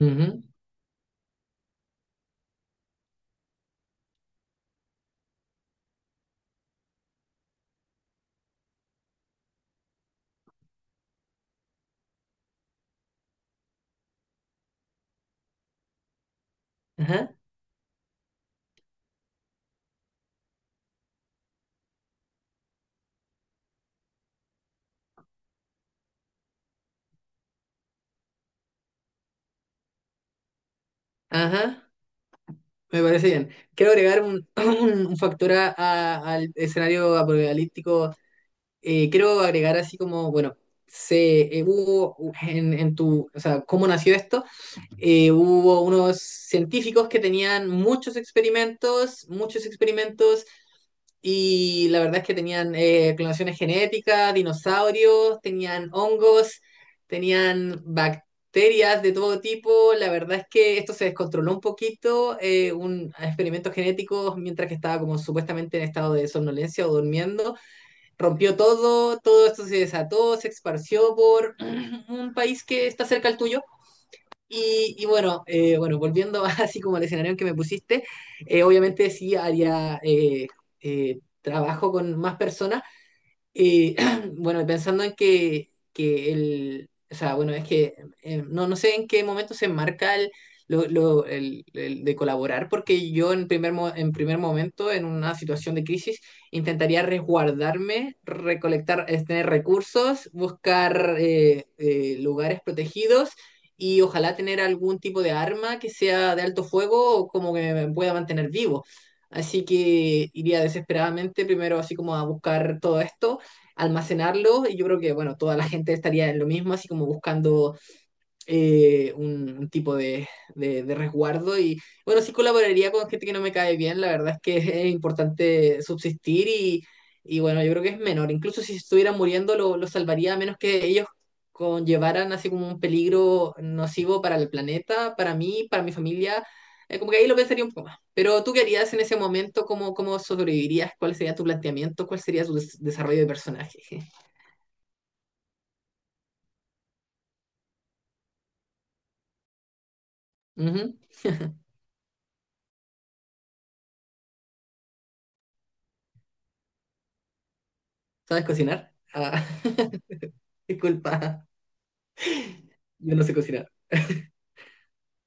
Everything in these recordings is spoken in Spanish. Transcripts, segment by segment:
Ujú. Ajá, ajá. Me parece bien. Quiero agregar un factor al escenario apocalíptico. Quiero agregar así como, bueno, se hubo en tu, o sea, cómo nació esto. Hubo unos científicos que tenían muchos experimentos, muchos experimentos. Y la verdad es que tenían clonaciones genéticas, dinosaurios, tenían hongos, tenían bacterias de todo tipo. La verdad es que esto se descontroló un poquito, un experimento genético, mientras que estaba como supuestamente en estado de somnolencia o durmiendo. Rompió todo, todo esto se desató, se esparció por un país que está cerca al tuyo y bueno, bueno, volviendo así como al escenario en que me pusiste, obviamente sí haría trabajo con más personas, y bueno, y pensando en que el, o sea, bueno, es que no, no sé en qué momento se enmarca el, lo- el de colaborar, porque yo en en primer momento, en una situación de crisis, intentaría resguardarme, recolectar, tener recursos, buscar lugares protegidos y ojalá tener algún tipo de arma que sea de alto fuego o como que me pueda mantener vivo. Así que iría desesperadamente primero así como a buscar todo esto, almacenarlo, y yo creo que, bueno, toda la gente estaría en lo mismo, así como buscando un tipo de resguardo y, bueno, sí colaboraría con gente que no me cae bien, la verdad es que es importante subsistir, y bueno, yo creo que es menor, incluso si estuvieran muriendo lo salvaría a menos que ellos conllevaran así como un peligro nocivo para el planeta, para mí, para mi familia. Como que ahí lo pensaría un poco más. Pero tú qué harías en ese momento, ¿cómo sobrevivirías? ¿Cuál sería tu planteamiento? ¿Cuál sería tu desarrollo de personaje? Ujú. ¿Sabes cocinar? Ah, disculpa, yo no sé cocinar.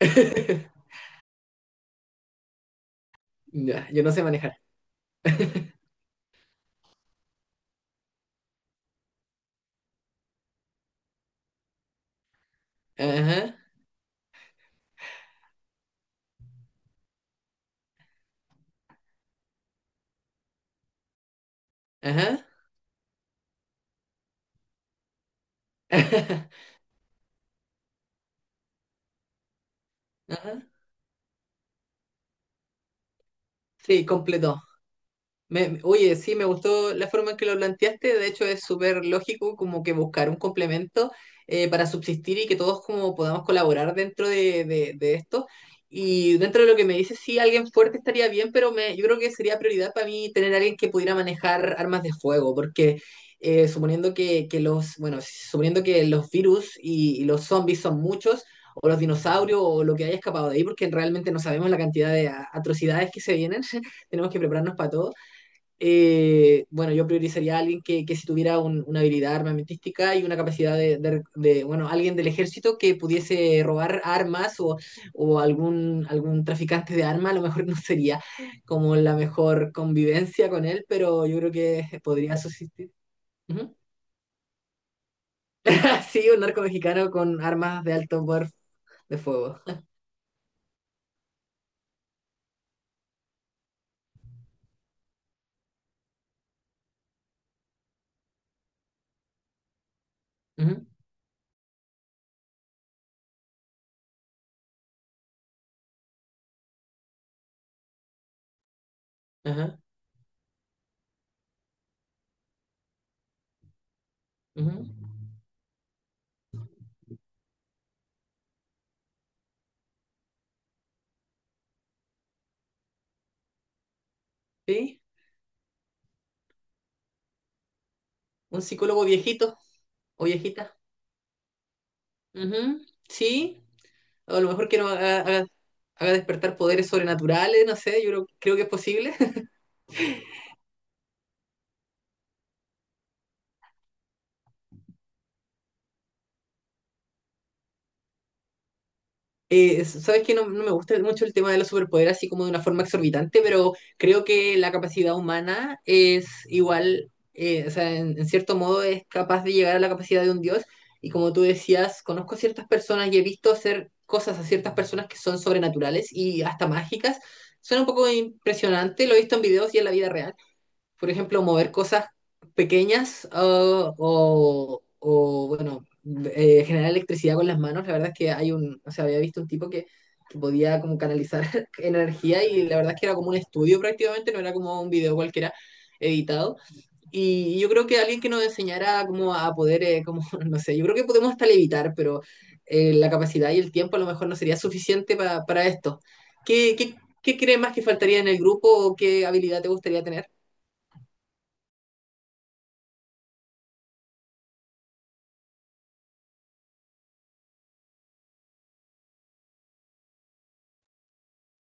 Ya, yo no sé manejar. Ajá, ajá, ajá. Sí, completo. Oye, sí, me gustó la forma en que lo planteaste. De hecho, es súper lógico como que buscar un complemento para subsistir y que todos como podamos colaborar dentro de, de esto. Y dentro de lo que me dices, sí, alguien fuerte estaría bien, pero me, yo creo que sería prioridad para mí tener alguien que pudiera manejar armas de fuego, porque suponiendo que los, bueno, suponiendo que los virus y los zombies son muchos, o los dinosaurios, o lo que haya escapado de ahí, porque realmente no sabemos la cantidad de atrocidades que se vienen. Tenemos que prepararnos para todo. Bueno, yo priorizaría a alguien que si tuviera una habilidad armamentística y una capacidad de, de, bueno, alguien del ejército que pudiese robar armas o algún traficante de armas, a lo mejor no sería como la mejor convivencia con él, pero yo creo que podría subsistir. Ujú. Sí, un narco mexicano con armas de alto poder de fuego. Ujú. Ajá, ujú. Sí, un psicólogo viejito o viejita. Ujú. Sí. O a lo mejor que no haga despertar poderes sobrenaturales, no sé, yo creo, creo que es posible. Sabes que no, no me gusta mucho el tema de los superpoderes así como de una forma exorbitante, pero creo que la capacidad humana es igual, o sea, en cierto modo es capaz de llegar a la capacidad de un dios. Y como tú decías, conozco ciertas personas y he visto hacer cosas a ciertas personas que son sobrenaturales y hasta mágicas. Suena un poco impresionante, lo he visto en videos y en la vida real, por ejemplo, mover cosas pequeñas, bueno, generar electricidad con las manos. La verdad es que hay un, o sea, había visto un tipo que podía como canalizar energía y la verdad es que era como un estudio prácticamente, no era como un video cualquiera editado. Y yo creo que alguien que nos enseñara como a poder, como, no sé, yo creo que podemos hasta levitar, pero la capacidad y el tiempo a lo mejor no sería suficiente para esto. ¿Qué, qué, qué crees más que faltaría en el grupo o qué habilidad te gustaría tener?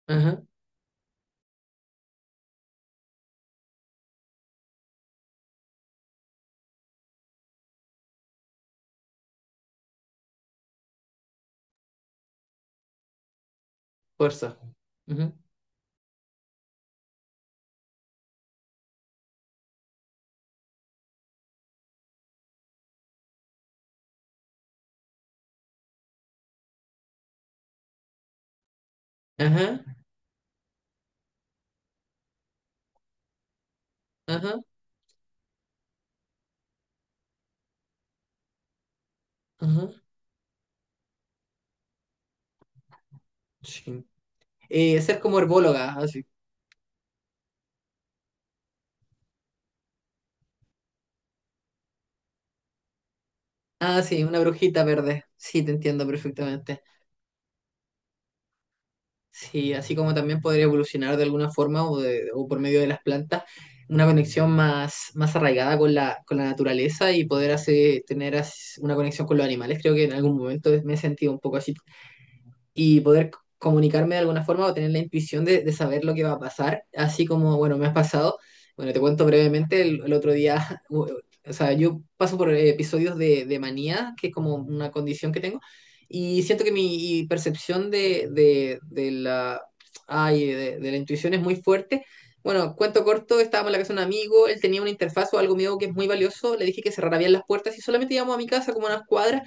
Ajá. Fuerza. Ujú. Ajá, ajá, ajá. Sí. Ser como herbóloga, así. Ah, sí, una brujita verde. Sí, te entiendo perfectamente. Sí, así como también podría evolucionar de alguna forma o, o por medio de las plantas, una conexión más, más arraigada con la naturaleza y poder hacer, tener una conexión con los animales. Creo que en algún momento me he sentido un poco así y poder comunicarme de alguna forma o tener la intuición de saber lo que va a pasar, así como, bueno, me has pasado. Bueno, te cuento brevemente, el otro día, o sea, yo paso por episodios de manía, que es como una condición que tengo, y siento que mi percepción de la intuición es muy fuerte. Bueno, cuento corto, estábamos en la casa de un amigo, él tenía una interfaz o algo mío que es muy valioso, le dije que cerrara bien las puertas y solamente íbamos a mi casa como unas cuadras.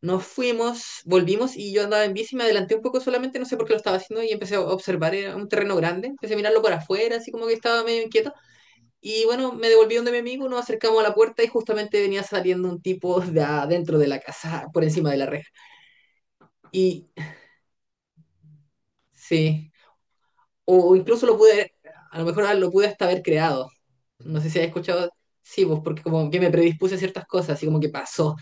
Nos fuimos, volvimos y yo andaba en bici, me adelanté un poco solamente, no sé por qué lo estaba haciendo y empecé a observar, era un terreno grande, empecé a mirarlo por afuera, así como que estaba medio inquieto. Y bueno, me devolví donde mi amigo, nos acercamos a la puerta y justamente venía saliendo un tipo de adentro de la casa, por encima de la reja. Y sí, o incluso lo pude, a lo mejor lo pude hasta haber creado. No sé si has escuchado, sí, pues porque como que me predispuse a ciertas cosas, así como que pasó.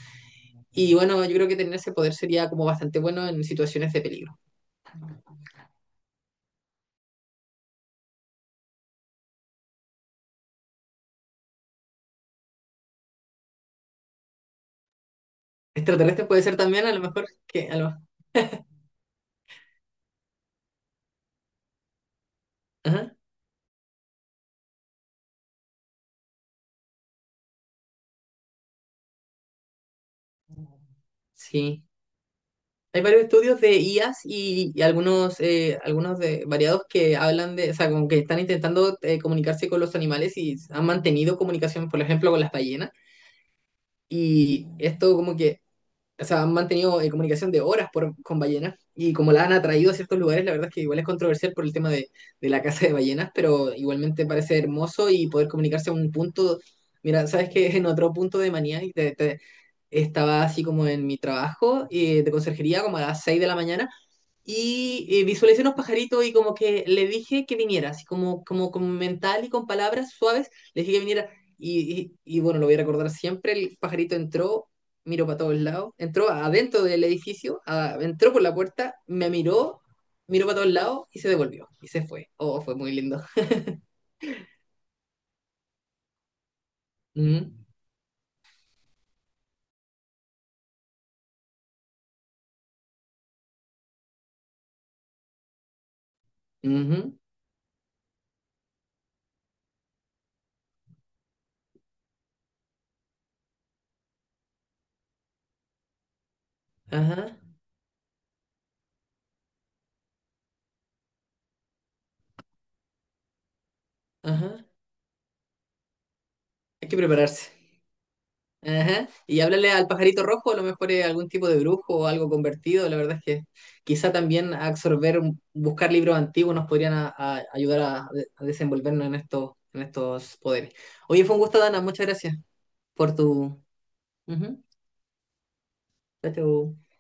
Y bueno, yo creo que tener ese poder sería como bastante bueno en situaciones de peligro. Extraterrestre puede ser también, a lo mejor que. Ajá, sí. Hay varios estudios de IAs y algunos, variados que hablan de, o sea, como que están intentando comunicarse con los animales y han mantenido comunicación, por ejemplo, con las ballenas. Y esto como que, o sea, han mantenido comunicación de horas por, con ballenas y como la han atraído a ciertos lugares, la verdad es que igual es controversial por el tema de la caza de ballenas, pero igualmente parece hermoso y poder comunicarse a un punto, mira, sabes que en otro punto de manía y estaba así como en mi trabajo de conserjería como a las 6 de la mañana y visualicé unos pajaritos y como que le dije que viniera, así como, como mental y con palabras suaves, le dije que viniera. Y bueno, lo voy a recordar siempre, el pajarito entró, miró para todos lados, entró adentro del edificio, entró por la puerta, me miró, miró para todos lados y se devolvió y se fue. Oh, fue muy lindo. Ujú, ujú, ajá, ajá. Hay que prepararse. Ajá. Y háblale al pajarito rojo, a lo mejor es algún tipo de brujo o algo convertido. La verdad es que quizá también absorber, buscar libros antiguos nos podrían a ayudar a desenvolvernos en estos poderes. Oye, fue un gusto, Dana. Muchas gracias por tu... Ujú. Chao, chao.